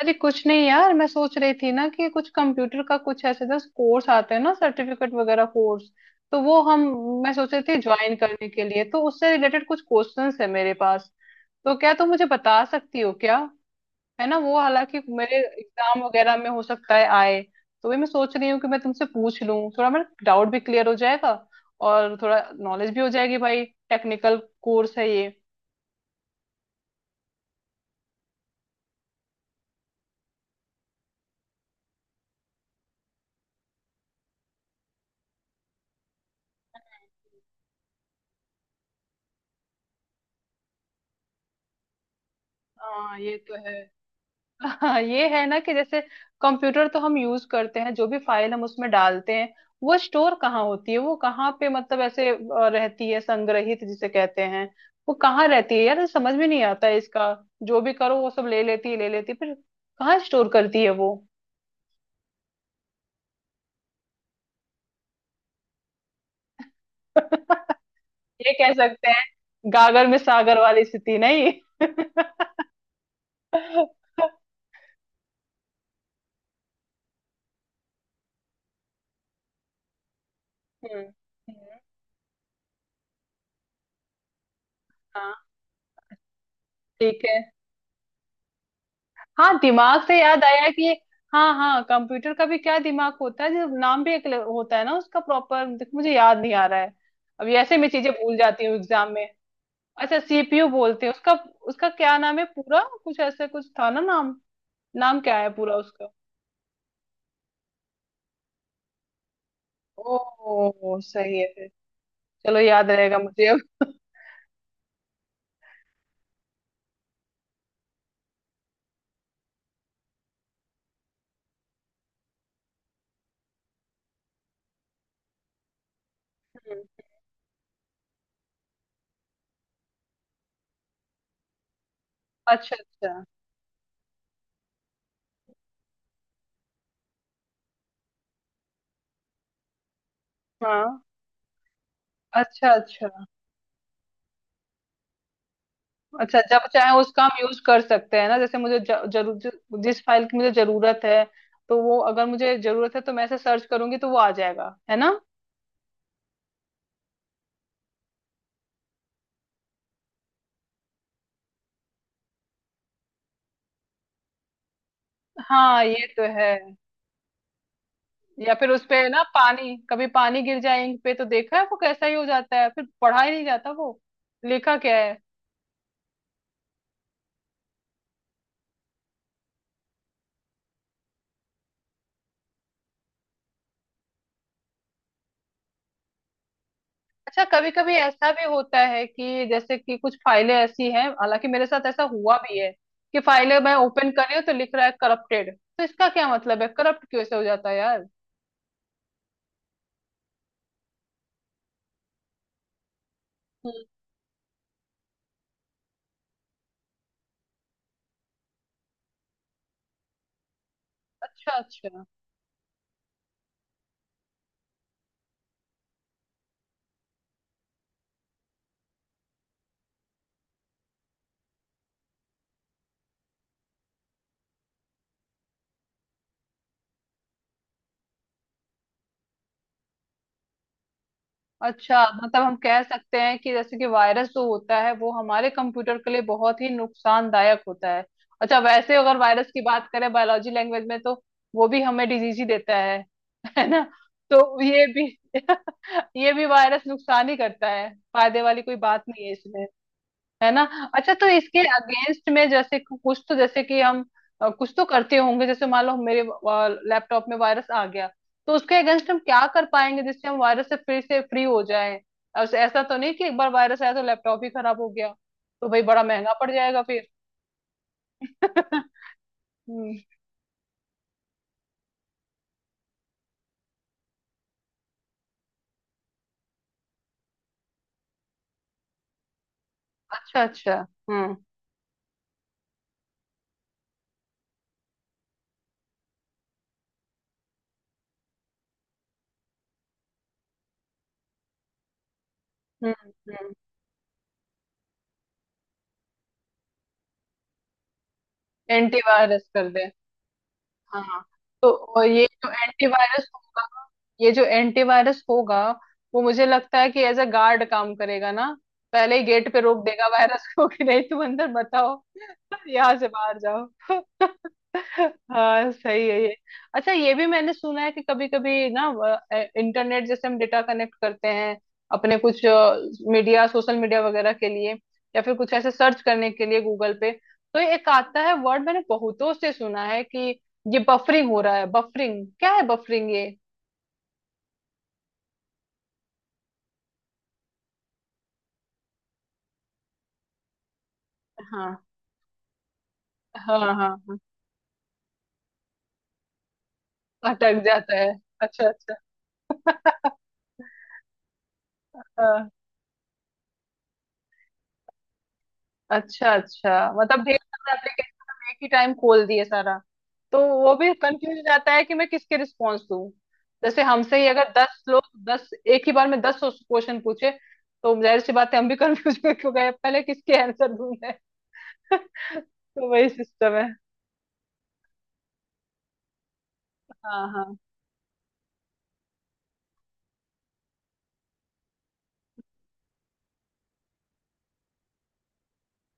अरे, कुछ नहीं यार। मैं सोच रही थी ना कि कुछ कंप्यूटर का, कुछ ऐसे जैसे कोर्स आते हैं ना, सर्टिफिकेट वगैरह कोर्स तो वो हम मैं सोच रही थी ज्वाइन करने के लिए। तो उससे रिलेटेड कुछ क्वेश्चंस है मेरे पास, तो क्या तुम मुझे बता सकती हो क्या? है ना, वो हालांकि मेरे एग्जाम वगैरह में हो सकता है आए, तो भी मैं सोच रही हूँ कि मैं तुमसे पूछ लूँ, थोड़ा मेरा डाउट भी क्लियर हो जाएगा और थोड़ा नॉलेज भी हो जाएगी भाई। टेक्निकल कोर्स है ये। हाँ, ये तो है। हाँ, ये है ना कि जैसे कंप्यूटर तो हम यूज करते हैं, जो भी फाइल हम उसमें डालते हैं वो स्टोर कहाँ होती है? वो कहाँ पे मतलब ऐसे रहती है, संग्रहित जिसे कहते हैं। वो कहाँ रहती है यार? ये समझ में नहीं आता है इसका। जो भी करो वो सब ले लेती है, ले लेती है, फिर कहाँ स्टोर करती है वो? ये कह सकते हैं, गागर में सागर वाली स्थिति नहीं? हम्म, हम्म, हाँ, ठीक है। हाँ, दिमाग से याद आया कि हाँ हाँ, कंप्यूटर का भी क्या दिमाग होता है जो नाम भी एक होता है ना उसका प्रॉपर? मुझे याद नहीं आ रहा है, अभी ऐसे मैं चीजें भूल जाती हूँ एग्जाम में। अच्छा, सीपीयू बोलते हैं उसका। उसका क्या नाम है पूरा? कुछ ऐसे कुछ था ना नाम। नाम क्या है पूरा उसका? ओ, सही है फिर। चलो, याद रहेगा मुझे अब। हम्म, अच्छा अच्छा। हाँ। अच्छा अच्छा। अच्छा, जब चाहे उसका हम यूज कर सकते हैं ना? जैसे मुझे जिस फाइल की मुझे जरूरत है, तो वो अगर मुझे जरूरत है तो मैं ऐसे सर्च करूंगी तो वो आ जाएगा, है ना? हाँ, ये तो है। या फिर उस पे ना पानी, कभी पानी गिर जाए इंक पे तो देखा है वो कैसा ही हो जाता है, फिर पढ़ा ही नहीं जाता वो लिखा क्या है। अच्छा, कभी कभी ऐसा भी होता है कि जैसे कि कुछ फाइलें ऐसी हैं, हालांकि मेरे साथ ऐसा हुआ भी है कि फाइलें मैं ओपन कर रही हूँ तो लिख रहा है करप्टेड, तो इसका क्या मतलब है? करप्ट कैसे हो जाता है यार? अच्छा अच्छा। अच्छा मतलब हम कह सकते हैं कि जैसे कि वायरस जो होता है वो हमारे कंप्यूटर के लिए बहुत ही नुकसानदायक होता है। अच्छा, वैसे अगर वायरस की बात करें बायोलॉजी लैंग्वेज में तो वो भी हमें डिजीज ही देता है। है ना? तो ये भी ये भी वायरस नुकसान ही करता है, फायदे वाली कोई बात नहीं है, है ना? अच्छा, तो इसके अगेंस्ट में जैसे कुछ तो जैसे कि हम कुछ तो करते होंगे। जैसे मान लो मेरे लैपटॉप में वायरस आ गया, तो उसके अगेंस्ट हम क्या कर पाएंगे जिससे हम वायरस से फिर से फ्री हो जाए? ऐसा तो नहीं कि एक बार वायरस आया तो लैपटॉप ही खराब हो गया, तो भाई बड़ा महंगा पड़ जाएगा फिर। हम्म, अच्छा अच्छा, हम्म, हम्म, हम्म, एंटीवायरस कर दे। हाँ। तो और ये जो एंटीवायरस होगा, ये जो एंटीवायरस होगा वो मुझे लगता है कि एज अ गार्ड काम करेगा ना? पहले ही गेट पे रोक देगा वायरस को कि नहीं, तुम अंदर मत आओ, यहाँ से बाहर जाओ। हाँ, सही है ये। अच्छा, ये भी मैंने सुना है कि कभी कभी ना इंटरनेट, जैसे हम डेटा कनेक्ट करते हैं अपने कुछ मीडिया, सोशल मीडिया वगैरह के लिए या फिर कुछ ऐसे सर्च करने के लिए गूगल पे, तो एक आता है वर्ड, मैंने बहुतों से सुना है कि ये बफरिंग हो रहा है। बफरिंग क्या है? बफरिंग ये? हाँ हाँ हाँ, हाँ, अटक जाता है। अच्छा अच्छा, हाँ, अच्छा अच्छा, मतलब ढेर सारे एप्लीकेशन एक ही टाइम खोल दिए सारा, तो वो भी कंफ्यूज हो जाता है कि मैं किसके रिस्पॉन्स दूं। जैसे हमसे ही अगर 10 लोग, दस एक ही बार में 10 क्वेश्चन पूछे तो जाहिर सी बात है हम भी कंफ्यूज हो क्यों गए, पहले किसके आंसर दूं मैं? तो वही सिस्टम है। हाँ, हाँ,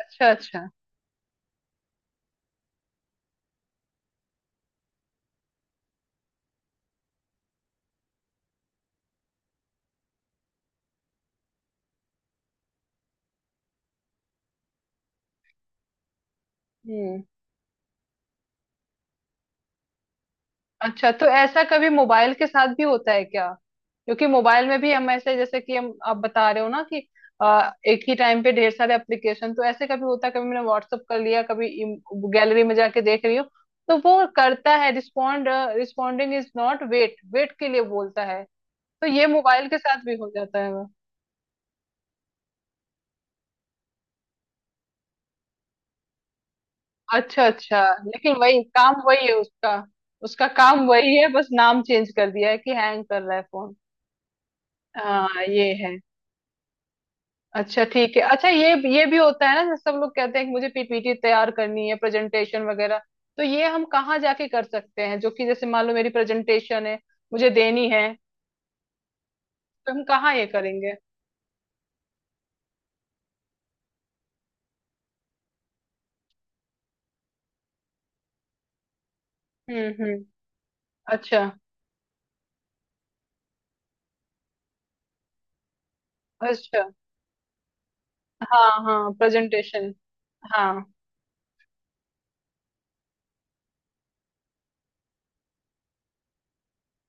अच्छा अच्छा, हम्म। अच्छा, तो ऐसा कभी मोबाइल के साथ भी होता है क्या? क्योंकि मोबाइल में भी हम ऐसे जैसे कि हम, आप बता रहे हो ना कि एक ही टाइम पे ढेर सारे एप्लीकेशन, तो ऐसे कभी होता है, कभी मैंने व्हाट्सअप कर लिया, कभी गैलरी में जाके देख रही हूँ तो वो करता है respond. Responding is not wait, wait के लिए बोलता है। तो ये मोबाइल के साथ भी हो जाता है वो? अच्छा अच्छा, लेकिन वही काम वही है उसका। उसका काम वही है, बस नाम चेंज कर दिया है कि हैंग कर रहा है फोन। हाँ, ये है। अच्छा, ठीक है। अच्छा ये भी होता है ना जैसे सब लोग कहते हैं कि मुझे पीपीटी तैयार करनी है, प्रेजेंटेशन वगैरह, तो ये हम कहाँ जाके कर सकते हैं? जो कि जैसे मान लो मेरी प्रेजेंटेशन है, मुझे देनी है, तो हम कहाँ ये करेंगे? हम्म, अच्छा। अच्छा। हाँ हाँ, प्रेजेंटेशन। हाँ।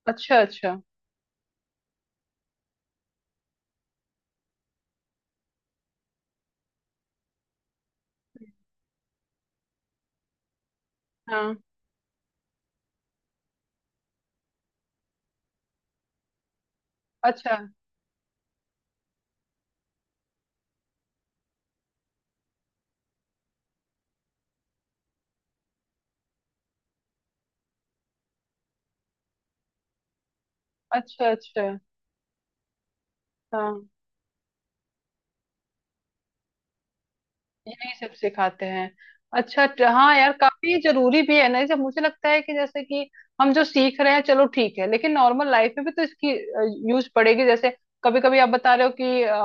अच्छा अच्छा। हाँ। अच्छा अच्छा। अच्छा। हाँ, यही सब सिखाते हैं। अच्छा हाँ यार, काफी जरूरी भी है ना? जैसे मुझे लगता है कि जैसे कि हम जो सीख रहे हैं चलो ठीक है, लेकिन नॉर्मल लाइफ में भी तो इसकी यूज पड़ेगी। जैसे कभी कभी आप बता रहे हो कि अ,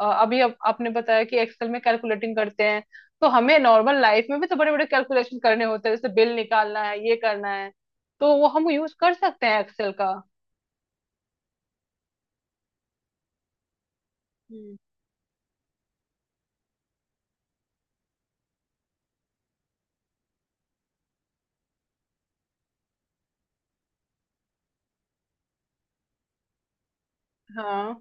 अ, अभी आपने बताया कि एक्सेल में कैलकुलेटिंग करते हैं, तो हमें नॉर्मल लाइफ में भी तो बड़े बड़े कैलकुलेशन करने होते हैं, जैसे बिल निकालना है, ये करना है, तो वो हम यूज कर सकते हैं एक्सेल का। हम्म। हाँ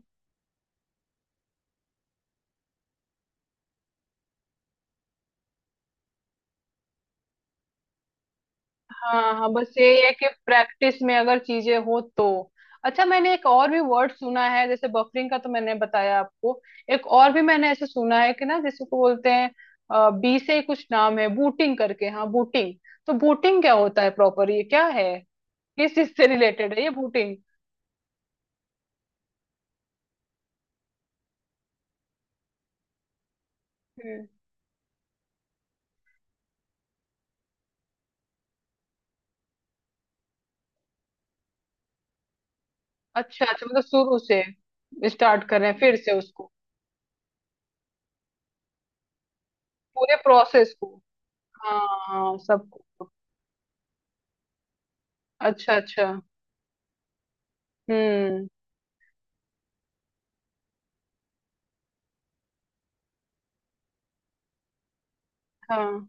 हाँ, हाँ बस यही है कि प्रैक्टिस में अगर चीजें हो तो। अच्छा, मैंने एक और भी वर्ड सुना है, जैसे बफरिंग का तो मैंने बताया आपको, एक और भी मैंने ऐसे सुना है कि ना जिसको बोलते हैं बी से ही कुछ नाम है बूटिंग करके, हाँ बूटिंग। तो बूटिंग क्या होता है प्रॉपर? ये क्या है? किस चीज से रिलेटेड है ये बूटिंग? हम्म, अच्छा अच्छा, मतलब शुरू से स्टार्ट कर रहे हैं फिर से उसको। पूरे प्रोसेस को। हाँ, हाँ, सबको। अच्छा अच्छा, हम्म, हाँ,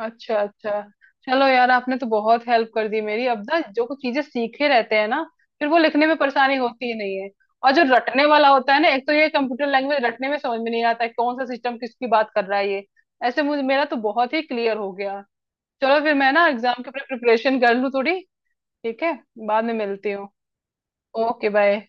अच्छा अच्छा। चलो यार, आपने तो बहुत हेल्प कर दी मेरी। अब ना जो कुछ चीजें सीखे रहते हैं ना, फिर वो लिखने में परेशानी होती ही नहीं है। और जो रटने वाला होता है ना, एक तो ये कंप्यूटर लैंग्वेज रटने में समझ में नहीं आता है कौन सा सिस्टम किसकी बात कर रहा है ये। ऐसे मुझे, मेरा तो बहुत ही क्लियर हो गया। चलो फिर मैं ना एग्जाम की प्रिपरेशन कर लूँ थोड़ी। ठीक है, बाद में मिलती हूँ। Okay, bye.